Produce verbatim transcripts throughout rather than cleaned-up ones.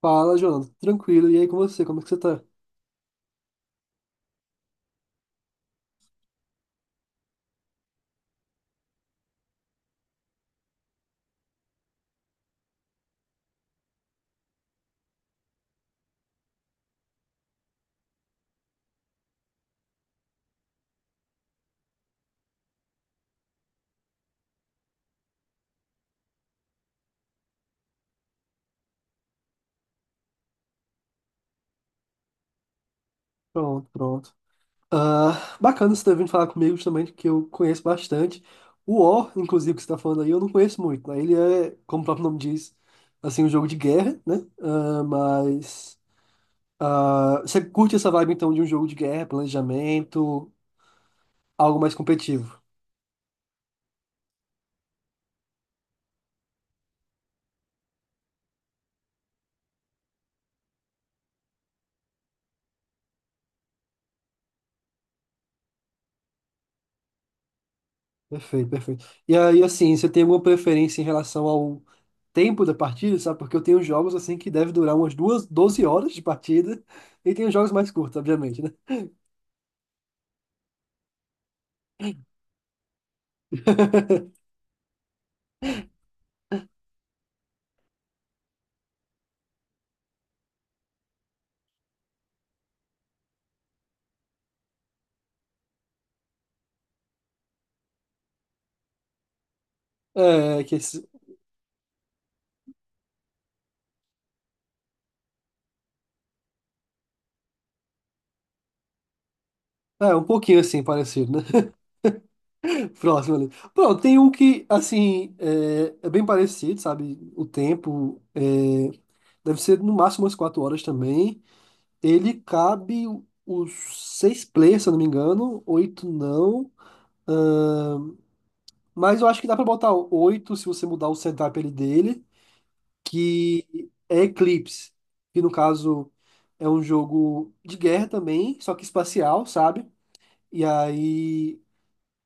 Fala, Jonathan. Tranquilo. E aí com você? Como é que você tá? Pronto, pronto. Ah, bacana você ter vindo falar comigo também, que eu conheço bastante. O War, inclusive, que você tá falando aí, eu não conheço muito, né? Ele é, como o próprio nome diz, assim, um jogo de guerra, né? Ah, mas ah, você curte essa vibe, então, de um jogo de guerra, planejamento, algo mais competitivo. Perfeito, perfeito. E aí, assim, você tem alguma preferência em relação ao tempo da partida, sabe? Porque eu tenho jogos, assim, que deve durar umas duas, doze horas de partida, e tem os jogos mais curtos, obviamente, né? É, é que esse- é, um pouquinho assim, parecido, né? Próximo ali. Pronto, tem um que, assim, é, é bem parecido, sabe? O tempo é, deve ser no máximo umas quatro horas também. Ele cabe os seis players, se eu não me engano, oito não. Ahn, mas eu acho que dá pra botar oito se você mudar o setup ali dele, que é Eclipse, que no caso é um jogo de guerra também, só que espacial, sabe? E aí.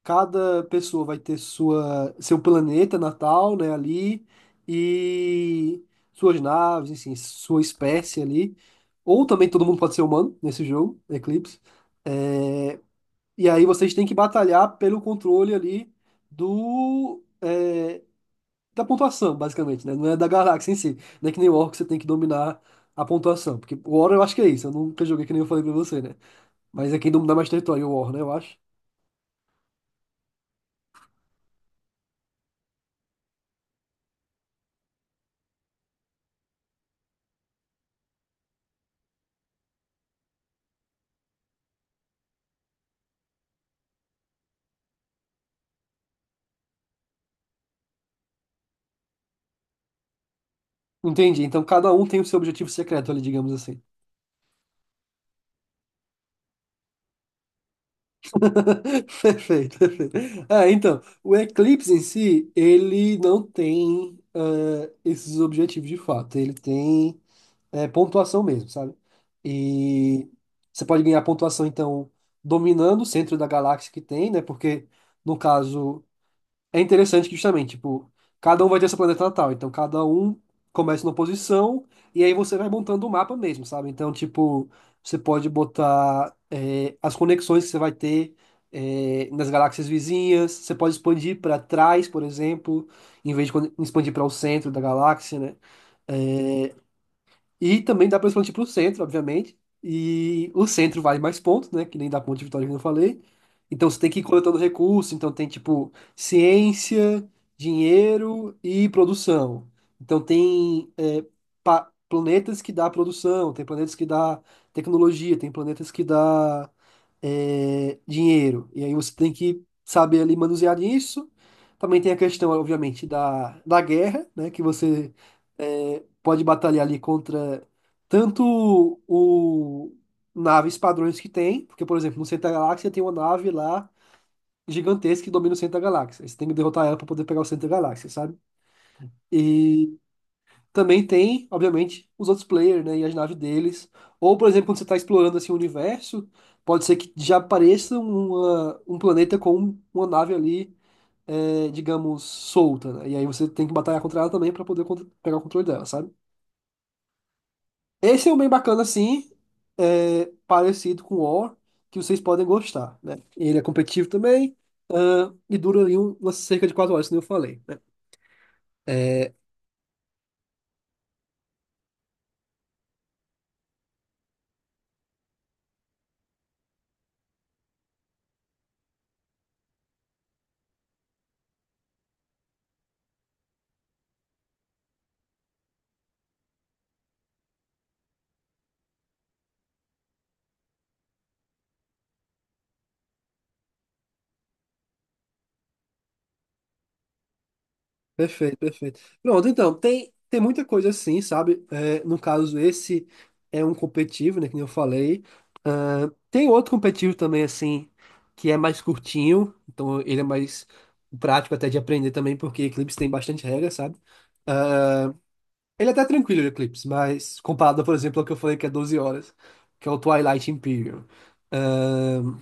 Cada pessoa vai ter sua, seu planeta natal, né, ali, e suas naves, enfim, sua espécie ali. Ou também todo mundo pode ser humano nesse jogo, Eclipse. É, e aí vocês têm que batalhar pelo controle ali do, é, da pontuação, basicamente, né? Não é da galáxia em si. Não é que nem o War que você tem que dominar a pontuação. Porque o War eu acho que é isso. Eu nunca joguei que nem eu falei pra você, né? Mas é quem domina mais território, o War, né? Eu acho. Entendi. Então cada um tem o seu objetivo secreto ali, digamos assim. Perfeito, perfeito. Ah, então, o eclipse em si, ele não tem ah, esses objetivos de fato. Ele tem eh, pontuação mesmo, sabe? E você pode ganhar pontuação, então, dominando o centro da galáxia que tem, né? Porque, no caso, é interessante que justamente, tipo, cada um vai ter seu planeta natal, então cada um começa numa posição e aí você vai montando o mapa mesmo, sabe? Então, tipo, você pode botar é, as conexões que você vai ter é, nas galáxias vizinhas, você pode expandir para trás, por exemplo, em vez de quando- expandir para o centro da galáxia, né? É, e também dá pra expandir para o centro, obviamente. E o centro vale mais pontos, né? Que nem da ponte de vitória que eu falei. Então você tem que ir coletando recursos. Então tem tipo ciência, dinheiro e produção. Então tem é, pa- planetas que dá produção, tem planetas que dá tecnologia, tem planetas que dá é, dinheiro. E aí você tem que saber ali manusear isso. Também tem a questão, obviamente, da, da guerra, né? Que você, é, pode batalhar ali contra tanto o naves padrões que tem, porque, por exemplo, no Centro da Galáxia tem uma nave lá gigantesca que domina o Centro da Galáxia. Aí você tem que derrotar ela para poder pegar o Centro da Galáxia, sabe? E também tem, obviamente, os outros players, né, e as naves deles. Ou, por exemplo, quando você está explorando assim o universo, pode ser que já apareça uma, um planeta com uma nave ali é, digamos, solta, né? E aí você tem que batalhar contra ela também para poder contro- pegar o controle dela, sabe? Esse é um bem bacana, assim, é, parecido com o War, que vocês podem gostar, né? Ele é competitivo também, ah, e dura ali um- umas cerca de quatro horas, como eu falei, né? Perfeito, perfeito. Pronto, então, tem, tem muita coisa assim, sabe? É, no caso, esse é um competitivo, né? Que nem eu falei. Tem outro competitivo também, assim, que é mais curtinho, então ele é mais prático até de aprender também, porque Eclipse tem bastante regra, sabe? Ele é até tranquilo, o Eclipse, mas comparado, por exemplo, ao que eu falei que é doze horas, que é o Twilight Imperium. Ahn,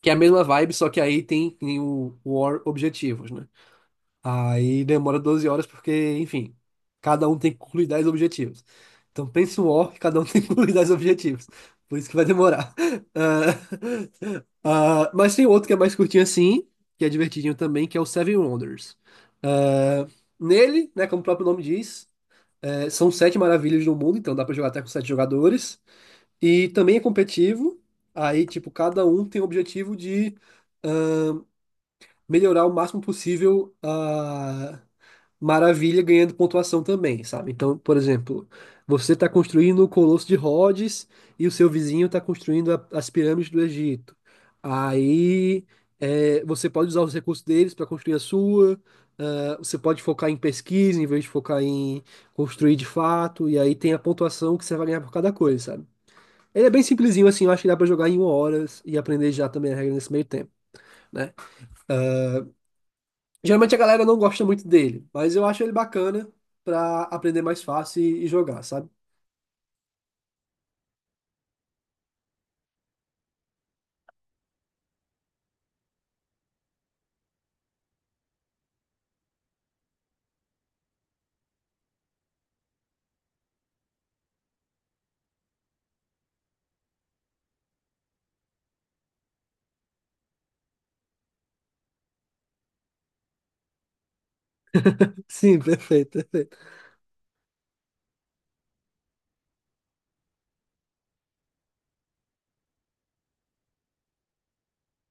que é a mesma vibe, só que aí tem, tem o War Objetivos, né? Aí demora doze horas porque, enfim, cada um tem que concluir dez objetivos. Então pensa um War que cada um tem que concluir dez objetivos. Por isso que vai demorar. Ah, ah, mas tem outro que é mais curtinho assim, que é divertidinho também, que é o Seven Wonders. Ah, nele, né, como o próprio nome diz, é, São sete maravilhas do mundo, então dá pra jogar até com sete jogadores. E também é competitivo. Aí, tipo, cada um tem o objetivo de melhorar o máximo possível a maravilha ganhando pontuação também, sabe? Então, por exemplo, você está construindo o Colosso de Rhodes e o seu vizinho está construindo a- as pirâmides do Egito. Aí é, você pode usar os recursos deles para construir a sua. ah, você pode focar em pesquisa em vez de focar em construir de fato, e aí tem a pontuação que você vai ganhar por cada coisa, sabe? Ele é bem simplesinho assim, eu acho que dá pra jogar em uma hora e aprender já também a regra nesse meio tempo, né? Geralmente a galera não gosta muito dele, mas eu acho ele bacana pra aprender mais fácil e, e jogar, sabe? Sim, perfeito, perfeito.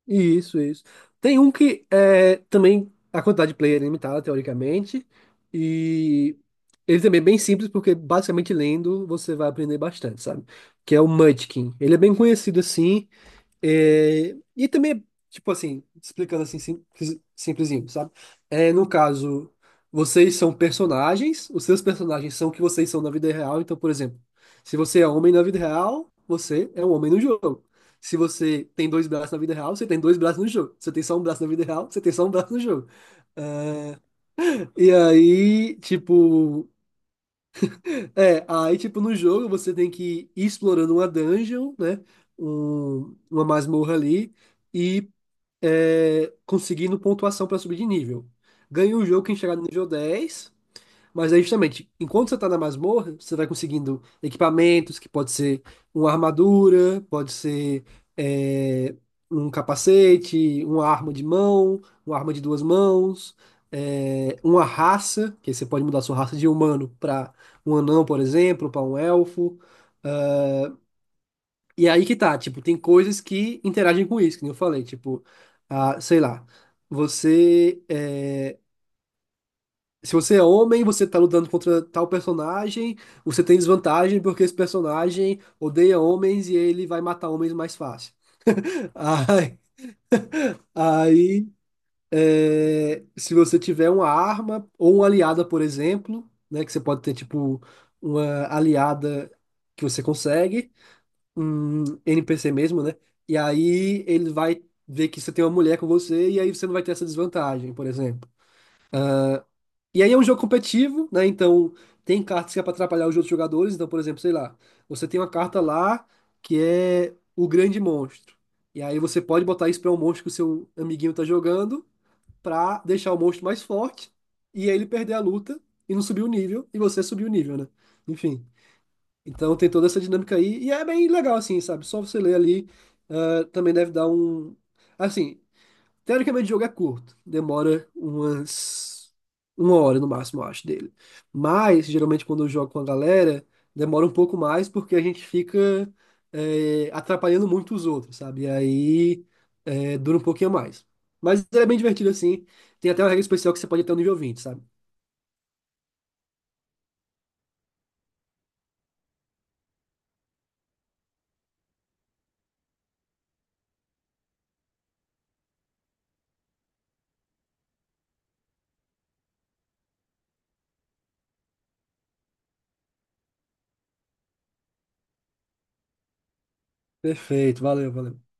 Isso, isso. Tem um que é também a quantidade de player é limitada, teoricamente, e ele também é bem simples, porque basicamente lendo você vai aprender bastante, sabe? Que é o Munchkin. Ele é bem conhecido assim. É, e também, tipo assim, explicando assim, sim- simplesinho, sabe? É, no caso, vocês são personagens, os seus personagens são o que vocês são na vida real. Então, por exemplo, se você é homem na vida real, você é um homem no jogo. Se você tem dois braços na vida real, você tem dois braços no jogo. Se você tem só um braço na vida real, você tem só um braço no jogo. É, E aí, tipo, é, aí, tipo, no jogo você tem que ir explorando uma dungeon, né? Um, uma masmorra ali, E é, conseguindo pontuação para subir de nível. Ganha o jogo quem chegar no nível dez, mas aí justamente, enquanto você tá na masmorra, você vai conseguindo equipamentos, que pode ser uma armadura, pode ser é, um capacete, uma arma de mão, uma arma de duas mãos, é, uma raça, que aí você pode mudar sua raça de humano para um anão, por exemplo, para um elfo. E aí que tá, tipo, tem coisas que interagem com isso, que nem eu falei, tipo, ah, sei lá, você, é, se você é homem, você tá lutando contra tal personagem, você tem desvantagem porque esse personagem odeia homens e ele vai matar homens mais fácil. Aí, aí, é, se você tiver uma arma ou uma aliada, por exemplo, né, que você pode ter, tipo, uma aliada que você consegue, um N P C mesmo, né? E aí ele vai ver que você tem uma mulher com você e aí você não vai ter essa desvantagem, por exemplo. E aí é um jogo competitivo, né? Então tem cartas que é para atrapalhar os outros jogadores. Então, por exemplo, sei lá, você tem uma carta lá que é o grande monstro. E aí você pode botar isso para um monstro que o seu amiguinho tá jogando para deixar o monstro mais forte e ele perder a luta e não subir o nível e você subir o nível, né? Enfim. Então tem toda essa dinâmica aí, e é bem legal, assim, sabe? Só você ler ali, ah, também deve dar um. Assim, teoricamente o jogo é curto, demora umas. Uma hora no máximo, eu acho, dele. Mas, geralmente, quando eu jogo com a galera, demora um pouco mais porque a gente fica eh, atrapalhando muito os outros, sabe? E aí eh, dura um pouquinho mais. Mas ele é bem divertido, assim. Tem até uma regra especial que você pode ter no nível vinte, sabe? Perfeito, valeu, valeu.